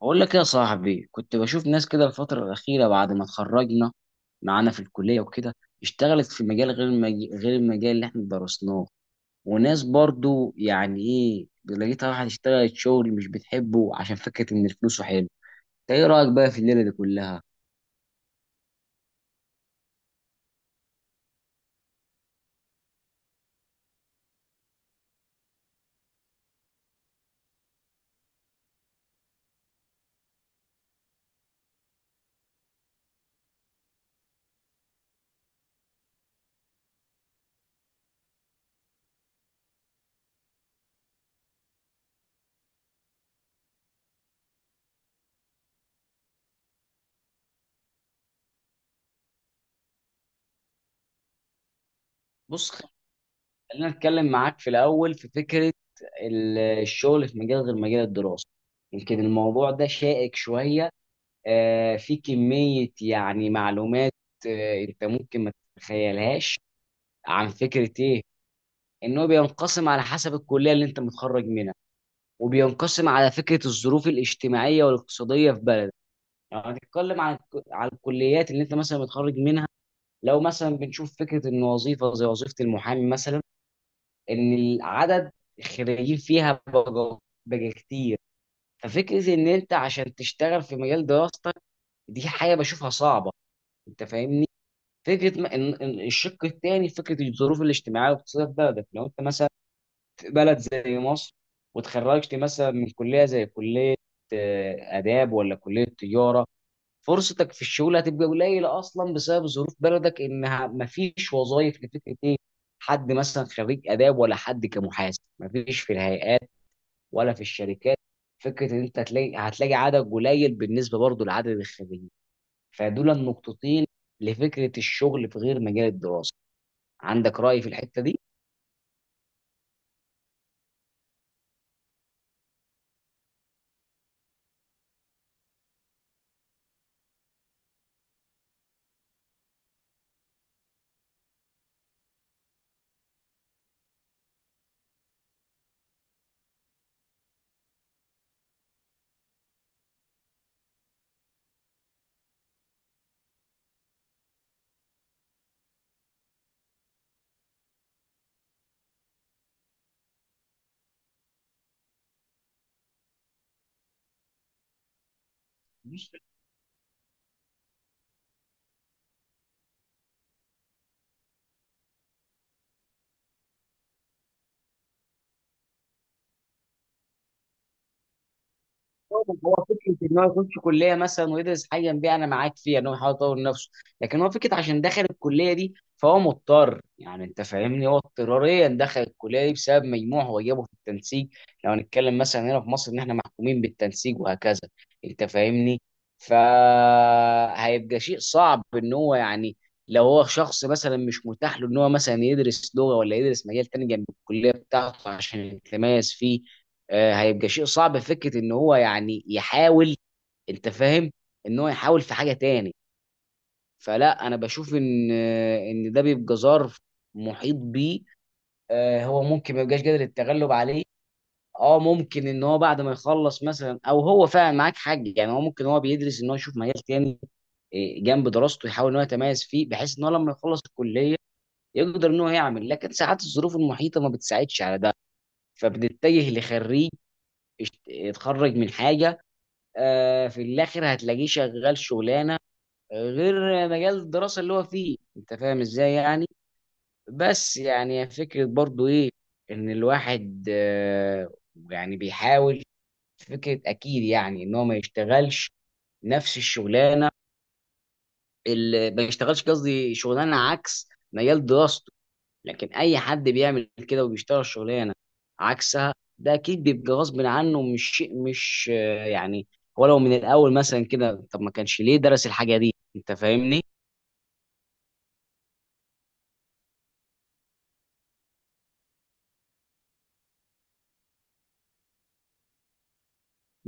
بقول لك إيه يا صاحبي، كنت بشوف ناس كده الفترة الأخيرة بعد ما اتخرجنا معانا في الكلية وكده. اشتغلت في مجال غير غير المجال اللي احنا درسناه. وناس برضو يعني لقيتها، واحد اشتغلت شغل مش بتحبه عشان فكرة ان فلوسه حلو. انت ايه رأيك بقى في الليلة دي كلها؟ بص، خلينا نتكلم معاك في الأول في فكرة الشغل في مجال غير مجال الدراسة. يمكن الموضوع ده شائك شوية، في كمية يعني معلومات انت ممكن ما تتخيلهاش عن فكرة ايه، انه بينقسم على حسب الكلية اللي انت متخرج منها، وبينقسم على فكرة الظروف الاجتماعية والاقتصادية في بلدك. يعني هنتكلم عن الكليات اللي انت مثلا متخرج منها. لو مثلا بنشوف فكرة ان وظيفة زي وظيفة المحامي مثلا، ان العدد الخريجين فيها بقى، كتير. ففكرة ان انت عشان تشتغل في مجال دراستك، دي حاجة بشوفها صعبة، انت فاهمني؟ فكره ما إن الشق الثاني، فكره الظروف الاجتماعيه والاقتصاديه في بلدك، لو انت مثلا في بلد زي مصر وتخرجت مثلا من كليه زي كليه اداب ولا كليه تجاره، فرصتك في الشغل هتبقى قليله اصلا بسبب ظروف بلدك، انها ما فيش وظائف لفكره ايه، حد مثلا خريج اداب ولا حد كمحاسب، ما فيش في الهيئات ولا في الشركات. فكره ان انت هتلاقي عدد قليل بالنسبه برضه لعدد الخريجين. فدول النقطتين لفكره الشغل في غير مجال الدراسه. عندك رأي في الحتة دي؟ مش هو فكرة إن هو يخش كلية مثلا ويدرس حاجة بيها، أنا معاك فيها إن هو يحاول يطور نفسه، لكن هو فكرة عشان دخل الكلية دي فهو مضطر، يعني أنت فاهمني، هو اضطراريا دخل الكلية دي بسبب مجموع هو جابه في التنسيق، لو هنتكلم مثلا هنا في مصر إن إحنا محكومين بالتنسيق وهكذا، أنت فاهمني؟ فهيبقى شيء صعب إن هو يعني، لو هو شخص مثلا مش متاح له إن هو مثلا يدرس لغة ولا يدرس مجال تاني جنب الكلية بتاعته عشان يتميز فيه، هيبقى شيء صعب في فكره ان هو يعني يحاول، انت فاهم، ان هو يحاول في حاجه تاني. فلا انا بشوف ان ان ده بيبقى ظرف محيط بيه هو ممكن ما يبقاش قادر التغلب عليه. اه ممكن ان هو بعد ما يخلص مثلا، او هو فعلا معاك حق، يعني هو ممكن هو بيدرس ان هو يشوف مجال تاني جنب دراسته، يحاول ان هو يتميز فيه بحيث ان هو لما يخلص الكليه يقدر ان هو يعمل. لكن ساعات الظروف المحيطه ما بتساعدش على ده، فبنتجه لخريج اتخرج من حاجه في الاخر هتلاقيه شغال شغلانه غير مجال الدراسه اللي هو فيه، انت فاهم ازاي يعني. بس يعني فكره برضو ايه، ان الواحد يعني بيحاول، فكره اكيد يعني ان هو ما يشتغلش نفس الشغلانه، اللي ما يشتغلش قصدي شغلانه عكس مجال دراسته. لكن اي حد بيعمل كده وبيشتغل شغلانه عكسها، ده اكيد بيبقى غصب عنه، مش شيء مش يعني، ولو من الاول مثلا كده، طب ما كانش ليه درس الحاجه دي، انت فاهمني.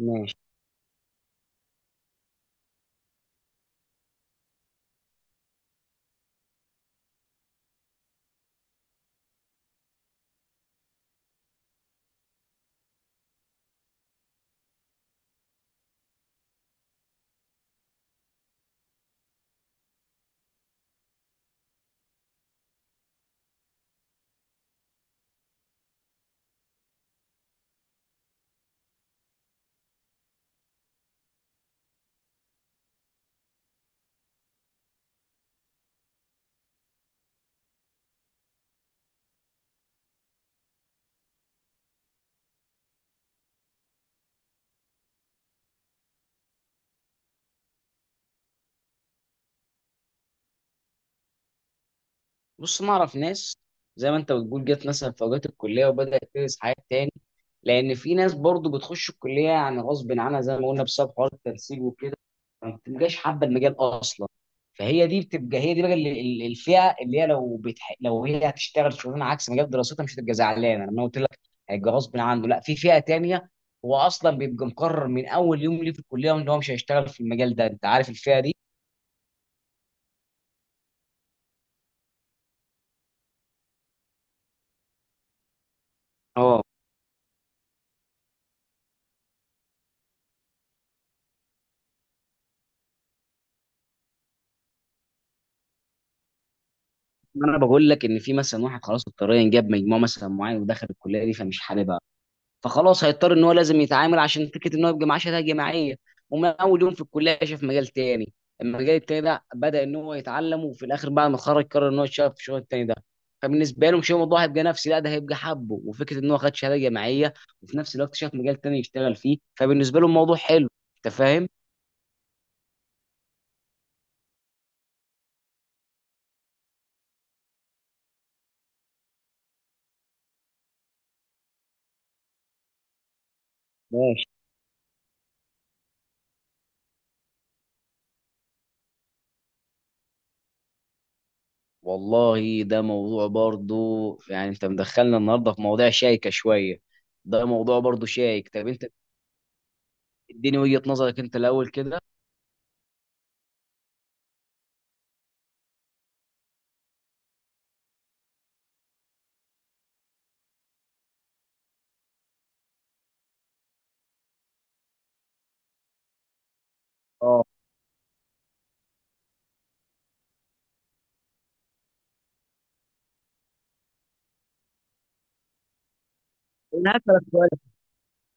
ماشي. بص انا اعرف ناس زي ما انت بتقول، جت مثلا في اوقات الكليه وبدات تدرس حاجات تاني، لان في ناس برضو بتخش الكليه يعني غصب عنها زي ما قلنا بسبب حوار التنسيق وكده، ما بتبقاش حابه المجال اصلا. فهي دي بتبقى، هي دي بقى الفئه اللي هي، لو لو هي هتشتغل شغلانه عكس مجال دراستها مش هتبقى زعلانه، لما قلت لك هيبقى غصب عنه، لا. في فئه تانية هو اصلا بيبقى مقرر من اول يوم ليه في الكليه ان هو مش هيشتغل في المجال ده، انت عارف الفئه دي. اه. انا بقول لك ان في مثلا واحد خلاص اضطريا جاب مجموع مثلا معين ودخل الكليه دي فمش حاببها، فخلاص هيضطر ان هو لازم يتعامل عشان فكره ان هو يبقى معاه شهاده جامعيه. ومن اول يوم في الكليه شاف مجال تاني، المجال التاني ده بدا ان هو يتعلم، وفي الاخر بعد ما اتخرج قرر ان هو يشتغل في الشغل التاني ده. فبالنسبه له مش، هو الموضوع هيبقى نفسي؟ لا، ده هيبقى حبه وفكره ان هو خد شهاده جامعيه، وفي نفس الوقت شاف مجال تاني يشتغل فيه، فبالنسبه له الموضوع حلو، انت فاهم. ماشي. والله ده موضوع برضو، يعني انت مدخلنا النهارده في مواضيع شائكه شويه، ده موضوع برضو شائك. طب انت اديني وجهه نظرك انت الاول كده. اه. انا هسألك سؤال،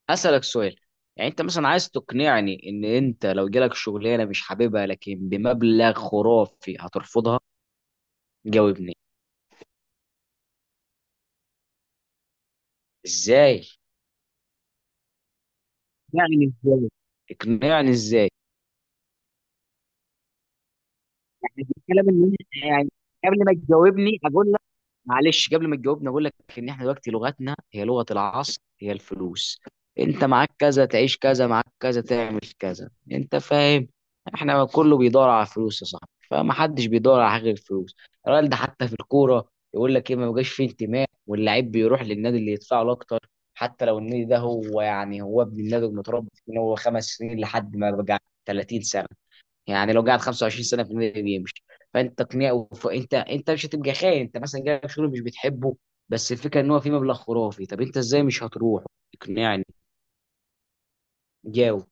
هسألك سؤال. يعني انت مثلا عايز تقنعني ان انت لو جالك شغلانه مش حاببها لكن بمبلغ خرافي هترفضها؟ جاوبني. ازاي يعني؟ ازاي؟ اقنعني ازاي؟ احنا بنتكلم ان إحنا يعني، قبل ما تجاوبني اقول لك، معلش قبل ما تجاوبني اقول لك ان احنا دلوقتي لغتنا هي لغة العصر، هي الفلوس. انت معاك كذا تعيش كذا، معاك كذا تعمل كذا، انت فاهم. احنا كله بيدور على فلوس يا صاحبي، فما حدش بيدور على حاجه غير الفلوس. الراجل ده حتى في الكوره يقول لك ايه، ما بقاش فيه انتماء، واللعيب بيروح للنادي اللي يدفع له اكتر، حتى لو النادي ده هو يعني هو ابن النادي ومتربي فيه من هو خمس سنين لحد ما بقى 30 سنه. يعني لو قعد 25 سنه في النادي يمشي. فانت تقنيه انت مش هتبقى خاين، انت مثلا جالك شغل مش بتحبه، بس الفكره ان هو في مبلغ خرافي، طب انت ازاي مش هتروح؟ اقنعني. جاوب.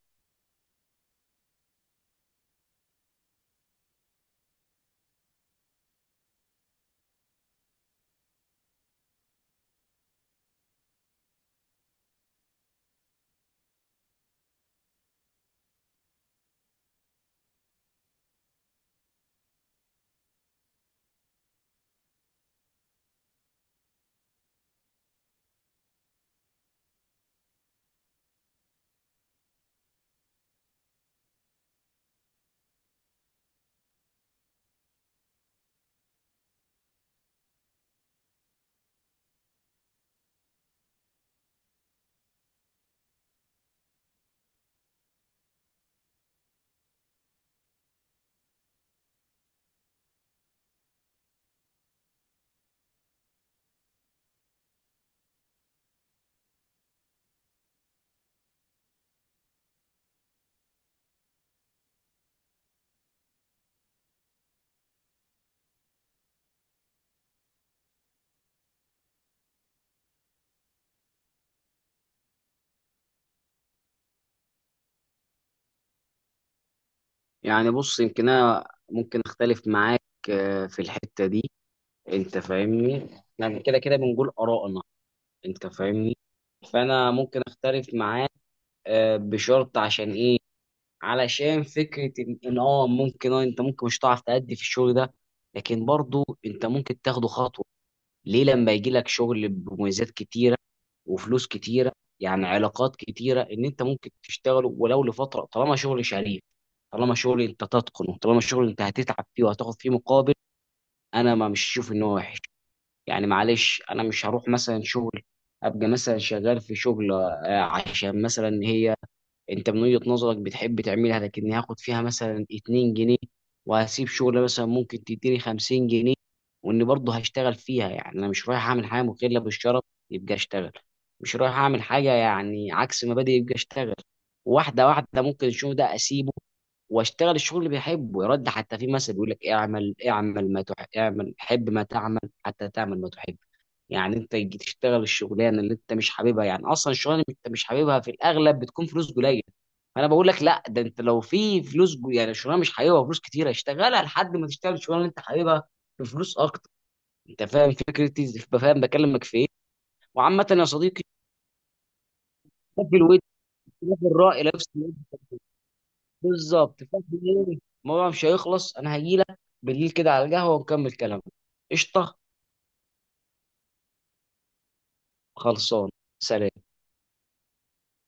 يعني بص، يمكن انا ممكن اختلف معاك في الحته دي، انت فاهمني، يعني كده كده بنقول ارائنا، انت فاهمني. فانا ممكن اختلف معاك بشرط. عشان ايه؟ علشان فكره ان إن اه ممكن اه انت ممكن مش هتعرف تأدي في الشغل ده، لكن برضو انت ممكن تاخده خطوه. ليه؟ لما يجي لك شغل بمميزات كتيره وفلوس كتيره، يعني علاقات كتيره، ان انت ممكن تشتغله ولو لفتره، طالما شغل شريف، طالما شغل انت تتقنه، طالما شغل انت هتتعب فيه وهتاخد فيه مقابل، انا ما مش شوف ان هو وحش. يعني معلش، انا مش هروح مثلا شغل ابقى مثلا شغال في شغل عشان مثلا هي انت من وجهة نظرك بتحب تعملها، لكني هاخد فيها مثلا 2 جنيه، وهسيب شغل مثلا ممكن تديني 50 جنيه واني برضه هشتغل فيها. يعني انا مش رايح اعمل حاجه مخله بالشرف، يبقى اشتغل، مش رايح اعمل حاجه يعني عكس مبادئ، يبقى اشتغل. واحده واحده، ممكن الشغل ده اسيبه واشتغل الشغل اللي بحبه. يرد حتى في مثل بيقول لك: اعمل، اعمل ما تحب، اعمل حب ما تعمل حتى تعمل ما تحب. يعني انت تيجي تشتغل الشغلانه اللي انت مش حاببها، يعني اصلا الشغلانه اللي انت مش حاببها في الاغلب بتكون فلوس قليله. فانا بقول لك لا، ده انت لو في فلوس يعني شغلانه مش حاببها وفلوس كتيره اشتغلها لحد ما تشتغل الشغلانه اللي انت حاببها بفلوس اكتر. انت فاهم فكرتي؟ فاهم بكلمك في ايه؟ وعامه يا صديقي، في الود، في الرأي نفس الود، بالظبط. فاهم ايه، الموضوع مش هيخلص، انا هجيلك بالليل كده على القهوه ونكمل كلامنا. قشطه. خلصان. سلام.